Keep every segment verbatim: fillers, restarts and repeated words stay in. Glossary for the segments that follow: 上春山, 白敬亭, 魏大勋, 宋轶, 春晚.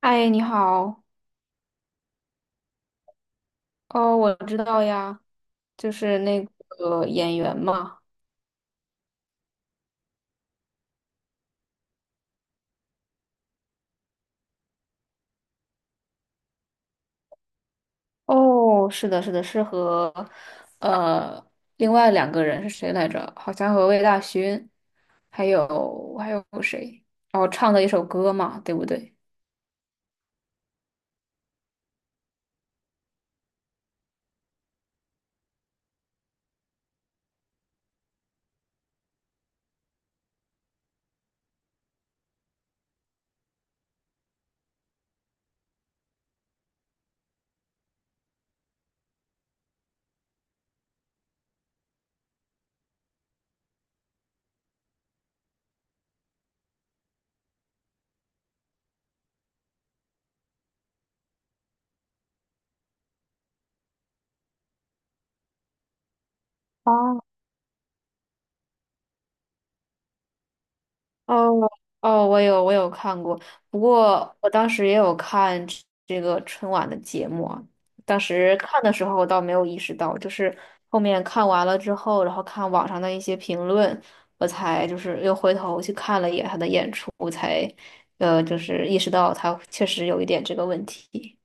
嗨，你好。哦，我知道呀，就是那个演员嘛。哦，是的，是的，是和呃另外两个人是谁来着？好像和魏大勋，还有还有谁？哦，唱的一首歌嘛，对不对？哦。哦哦，我有我有看过，不过我当时也有看这这个春晚的节目啊。当时看的时候我倒没有意识到，就是后面看完了之后，然后看网上的一些评论，我才就是又回头去看了一眼他的演出，我才呃就是意识到他确实有一点这个问题。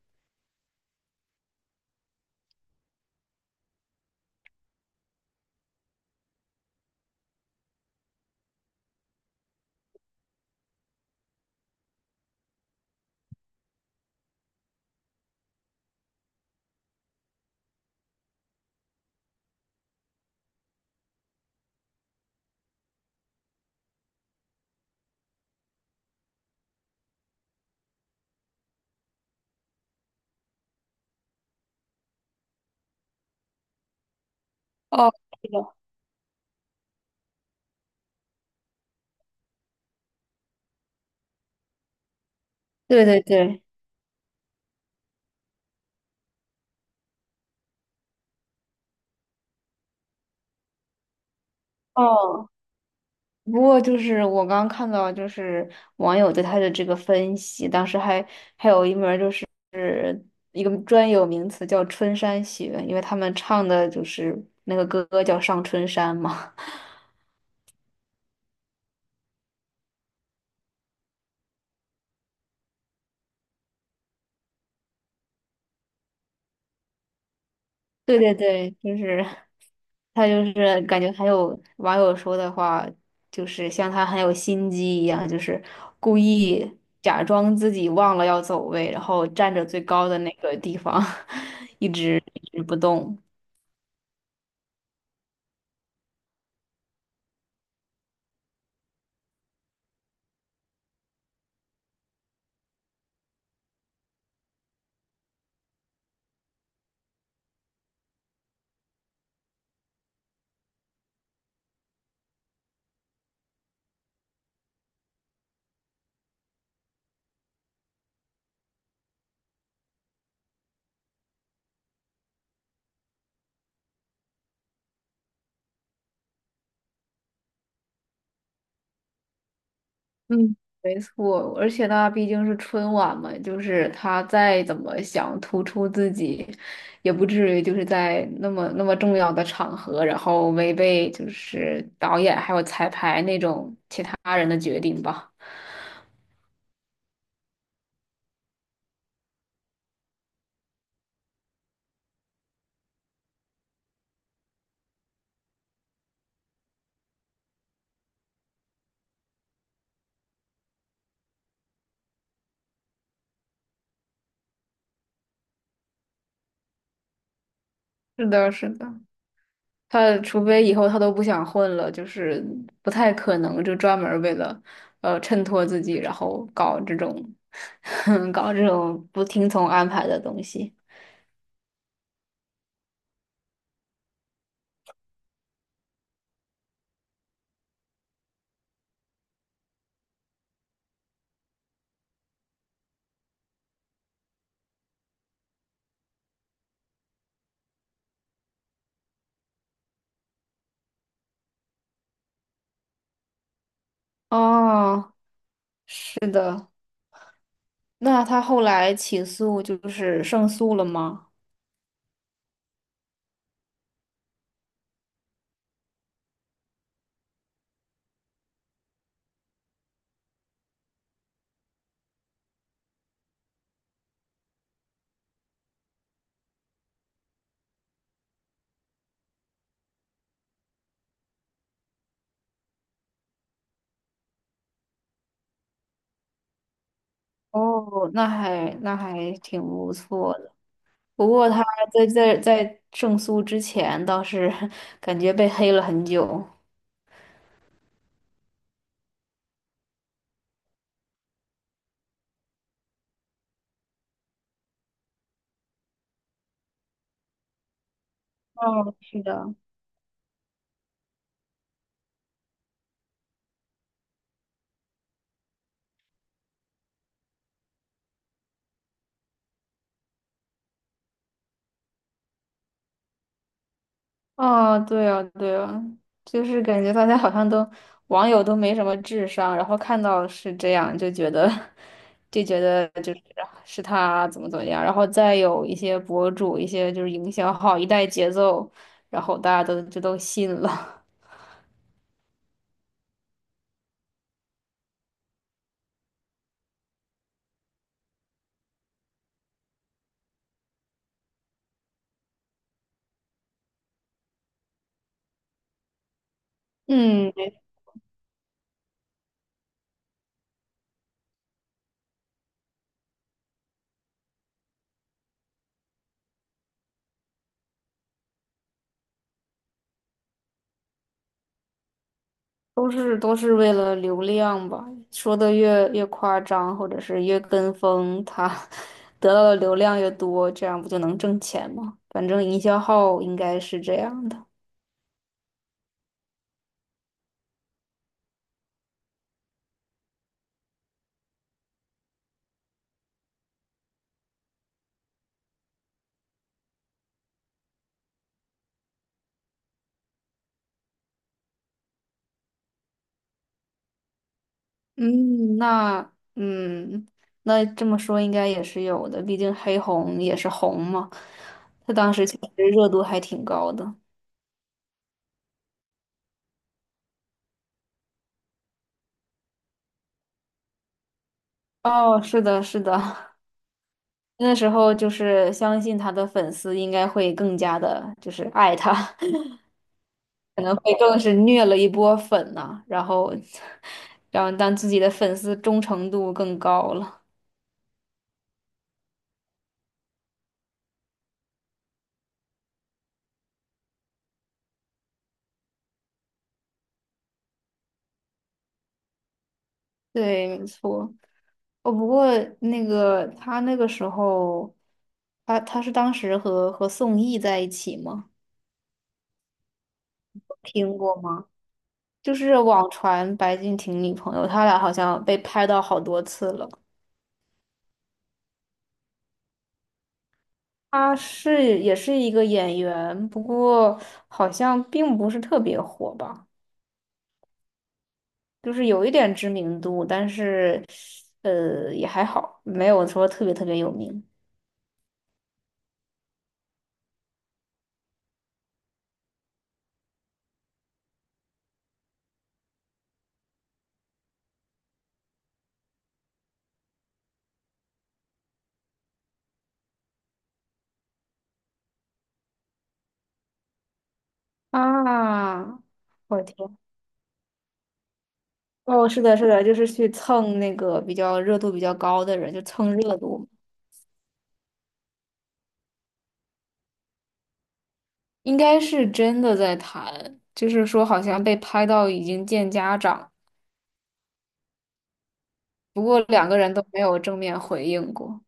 哦，是的，对对对。哦，不过就是我刚看到，就是网友对他的这个分析，当时还还有一门儿就是。一个专有名词叫春山雪，因为他们唱的就是那个歌叫《上春山》嘛。对对对，就是他就是感觉还有网友说的话，就是像他很有心机一样，就是故意假装自己忘了要走位，然后站着最高的那个地方 一直一直不动。嗯，没错，而且那毕竟是春晚嘛，就是他再怎么想突出自己，也不至于就是在那么那么重要的场合，然后违背就是导演还有彩排那种其他人的决定吧。是的，是的，他除非以后他都不想混了，就是不太可能就专门儿为了呃衬托自己，然后搞这种 搞这种不听从安排的东西。哦，是的。那他后来起诉就是胜诉了吗？哦，那还那还挺不错的。不过他在在在胜诉之前倒是 感觉被黑了很久。哦，是的。哦，对啊，对啊，就是感觉大家好像都网友都没什么智商，然后看到是这样就觉得 就觉得就是是他怎么怎么样，然后再有一些博主、一些就是营销号一带节奏，然后大家都就都信了 嗯，对，都是都是为了流量吧，说的越越夸张，或者是越跟风，他 得到的流量越多，这样不就能挣钱吗？反正营销号应该是这样的。嗯，那嗯，那这么说应该也是有的，毕竟黑红也是红嘛，他当时其实热度还挺高的。哦，是的，是的，那时候就是相信他的粉丝应该会更加的，就是爱他，可能会更是虐了一波粉呐、然后，然后让自己的粉丝忠诚度更高了。对，没错。哦，不过那个他那个时候，他他是当时和和宋轶在一起吗？听过吗？就是网传白敬亭女朋友，他俩好像被拍到好多次了。他是也是一个演员，不过好像并不是特别火吧，就是有一点知名度，但是呃也还好，没有说特别特别有名啊。我天。哦，是的，是的，就是去蹭那个比较热度比较高的人，就蹭热度应该是真的在谈，就是说好像被拍到已经见家长，不过两个人都没有正面回应过。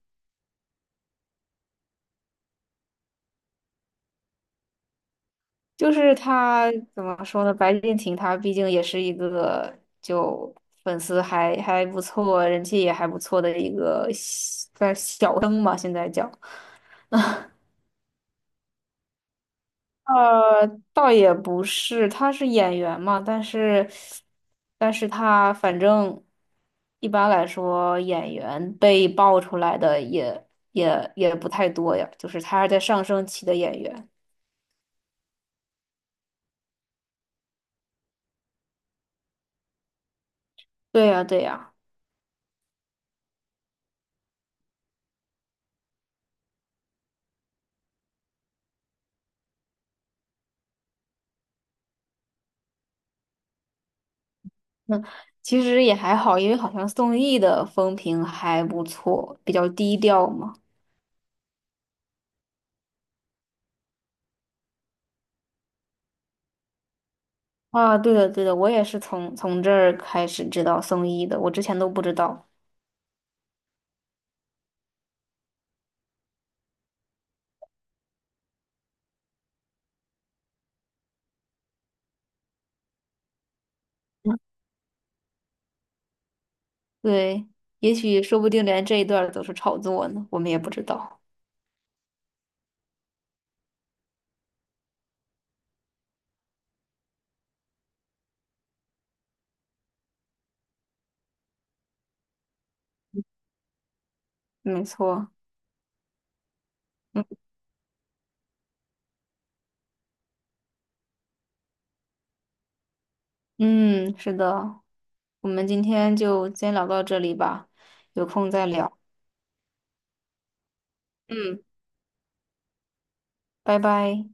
就是他怎么说呢？白敬亭他毕竟也是一个就粉丝还还不错，人气也还不错的一个小算小生嘛，现在叫。呃，倒也不是，他是演员嘛，但是，但是他反正一般来说，演员被爆出来的也也也不太多呀，就是他是在上升期的演员。对呀，对呀，那其实也还好，因为好像宋轶的风评还不错，比较低调嘛。啊，对的，对的，我也是从从这儿开始知道宋轶的，我之前都不知道。对，也许说不定连这一段儿都是炒作呢，我们也不知道。没错，嗯嗯，是的，我们今天就先聊到这里吧，有空再聊。嗯，拜拜。